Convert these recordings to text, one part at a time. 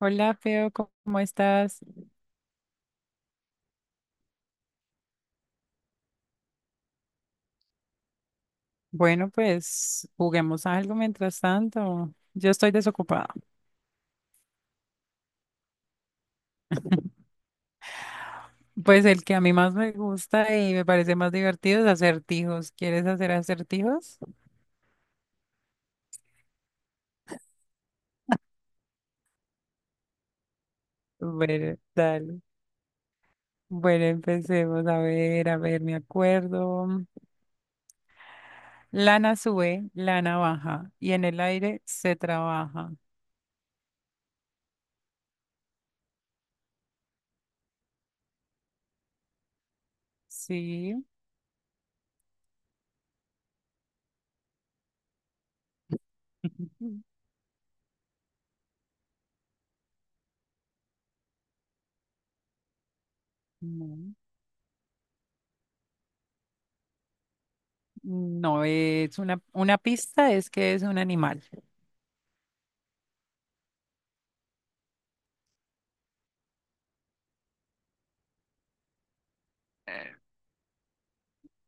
Hola, Feo, ¿cómo estás? Bueno, pues juguemos algo mientras tanto. Yo estoy desocupada. Pues el que a mí más me gusta y me parece más divertido es acertijos. ¿Quieres hacer acertijos? Bueno, dale. Bueno, empecemos. A ver, me acuerdo. Lana sube, lana baja y en el aire se trabaja. Sí. No, no es una pista, es que es un animal.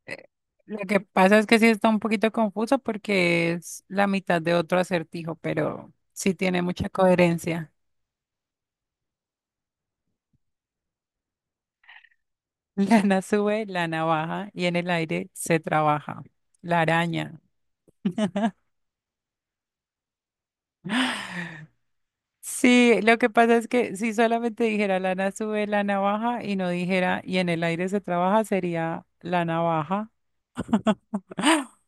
Eh, Lo que pasa es que sí está un poquito confuso porque es la mitad de otro acertijo, pero sí tiene mucha coherencia. Lana sube, lana baja y en el aire se trabaja. La araña. Sí, lo que pasa es que si solamente dijera lana sube, lana baja y no dijera y en el aire se trabaja sería lana baja.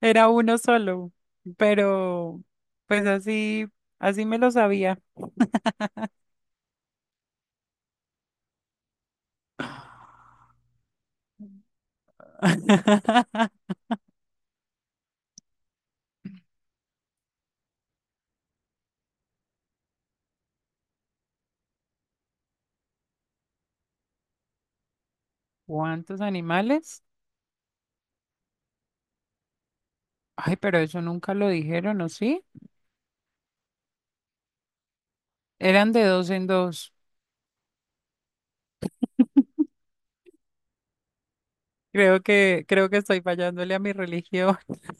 Era uno solo, pero pues así, así me lo sabía. ¿Cuántos animales? Ay, pero eso nunca lo dijeron, ¿o sí? Eran de dos en dos. Creo que estoy fallándole a mi religión.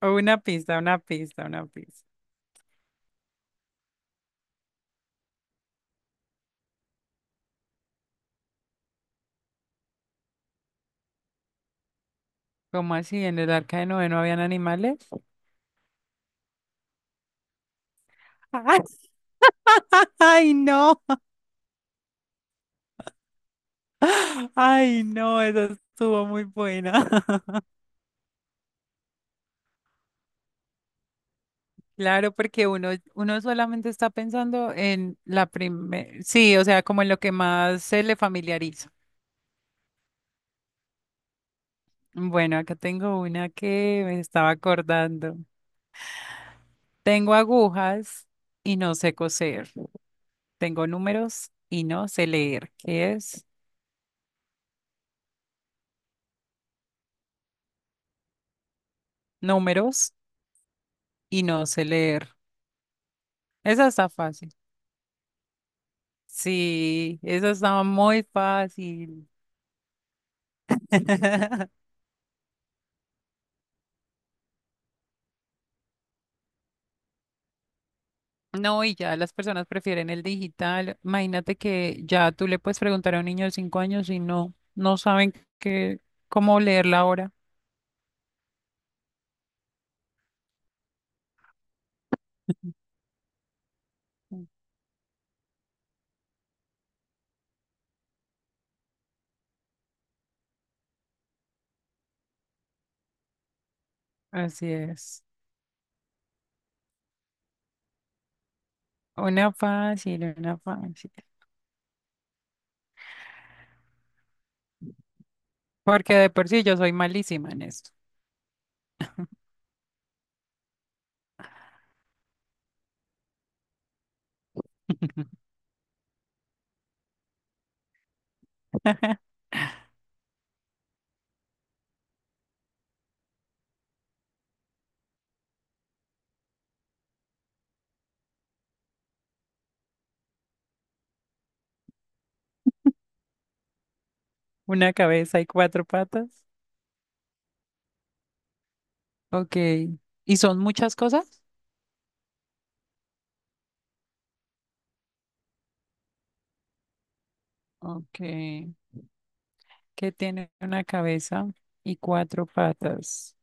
O una pista, una pista, una pista. ¿Cómo así? ¿En el arca de Noé no habían animales? ¡Ay, ay, no! ¡Ay, no! Esa estuvo muy buena. Claro, porque uno, uno solamente está pensando en la primera, sí, o sea, como en lo que más se le familiariza. Bueno, acá tengo una que me estaba acordando. Tengo agujas y no sé coser. Tengo números y no sé leer. ¿Qué es? Números y no sé leer. Esa está fácil. Sí, esa está muy fácil. No, y ya las personas prefieren el digital. Imagínate que ya tú le puedes preguntar a un niño de cinco años y no, no saben qué, cómo leerla ahora. Así es. Una fácil, una fácil. Porque de por sí yo soy malísima en esto. Una cabeza y cuatro patas. Ok. ¿Y son muchas cosas? Ok. ¿Qué tiene una cabeza y cuatro patas?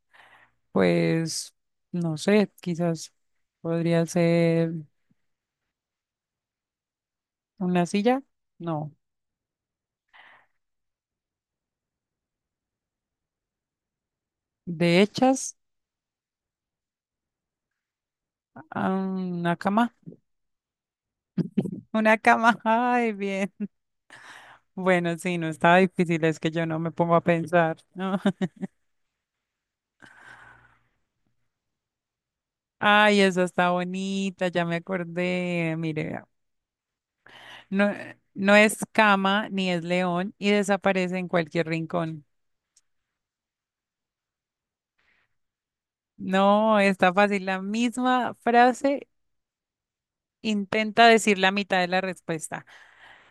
Pues, no sé, quizás podría ser una silla. No. De hechas, ah, una cama. Una cama. Ay, bien. Bueno, sí, no estaba difícil, es que yo no me pongo a pensar, ¿no? Ay, esa está bonita, ya me acordé. Mire, no, no es cama ni es león y desaparece en cualquier rincón. No, está fácil. La misma frase intenta decir la mitad de la respuesta.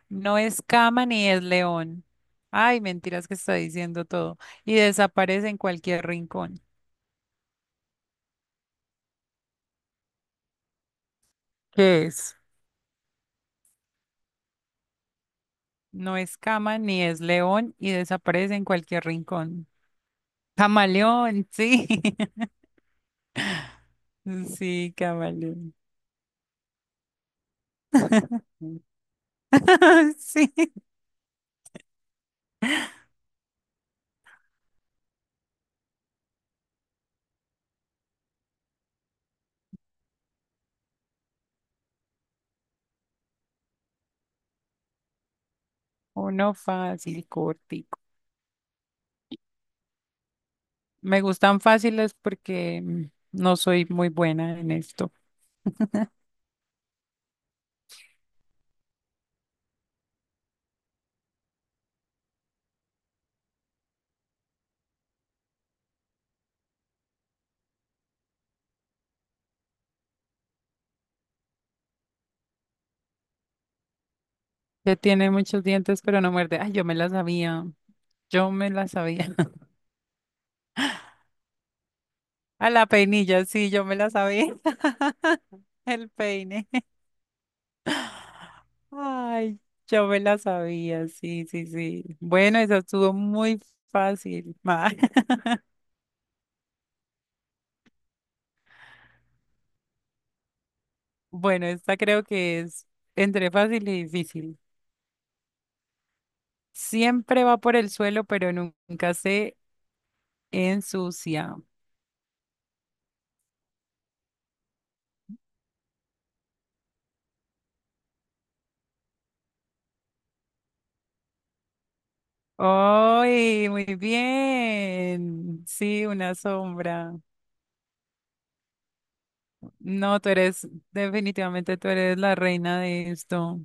No es cama ni es león. Ay, mentiras que está diciendo todo. Y desaparece en cualquier rincón. ¿Qué es? No es cama ni es león y desaparece en cualquier rincón. Camaleón, sí. Sí, camaleón. Sí. Uno fácil, cortico. Me gustan fáciles porque no soy muy buena en esto. Que tiene muchos dientes, pero no muerde. Ay, yo me la sabía. Yo me la sabía. A la peinilla, sí, yo me la sabía. El peine. Ay, yo me la sabía. Sí, sí, sí. Bueno, esa estuvo muy fácil. Ma. Bueno, esta creo que es entre fácil y difícil. Siempre va por el suelo, pero nunca se ensucia. ¡Ay, muy bien! Sí, una sombra. No, tú eres, definitivamente tú eres la reina de esto.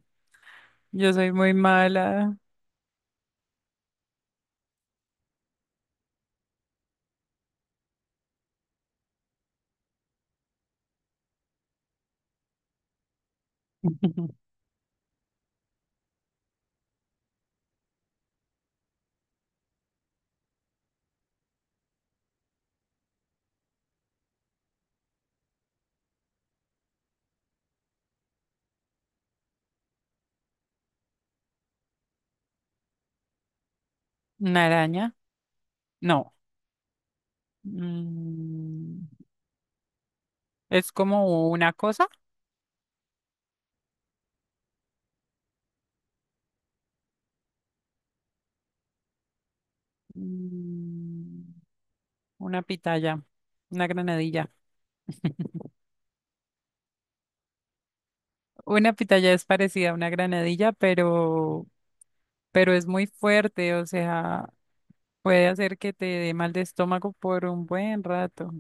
Yo soy muy mala. ¿Una araña? No. Mm, es como una cosa. Mm, una pitaya, una granadilla. Una pitaya es parecida a una granadilla, pero es muy fuerte, o sea, puede hacer que te dé mal de estómago por un buen rato.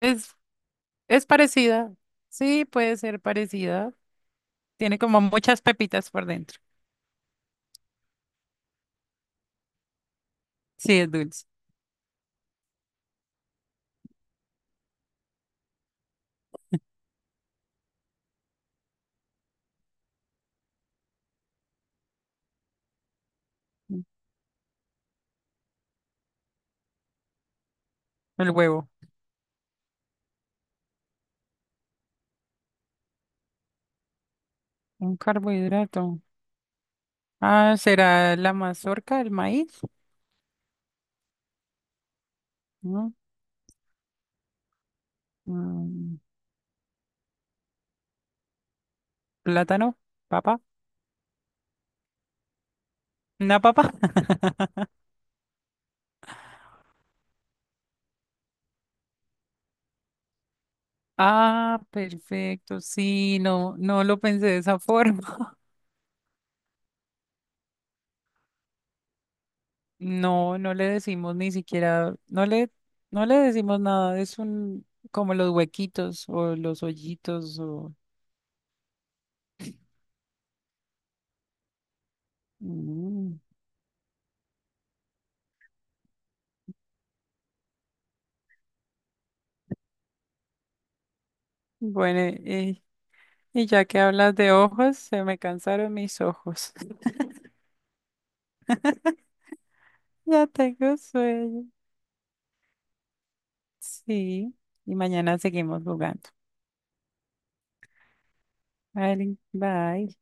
Es Es parecida. Sí, puede ser parecida. Tiene como muchas pepitas por dentro. Sí, es dulce. Mm, El huevo. Un carbohidrato. Ah, ¿será la mazorca, el maíz? ¿No? Mm, Plátano, papa. ¿Una papa? Ah, perfecto. Sí, no, no lo pensé de esa forma. No, no le decimos ni siquiera, no le, no le decimos nada. Es un, como los huequitos o los hoyitos o... Mm. Bueno, eh, y ya que hablas de ojos, se me cansaron mis ojos. Ya tengo sueño. Sí. Y mañana seguimos jugando. Vale, bye.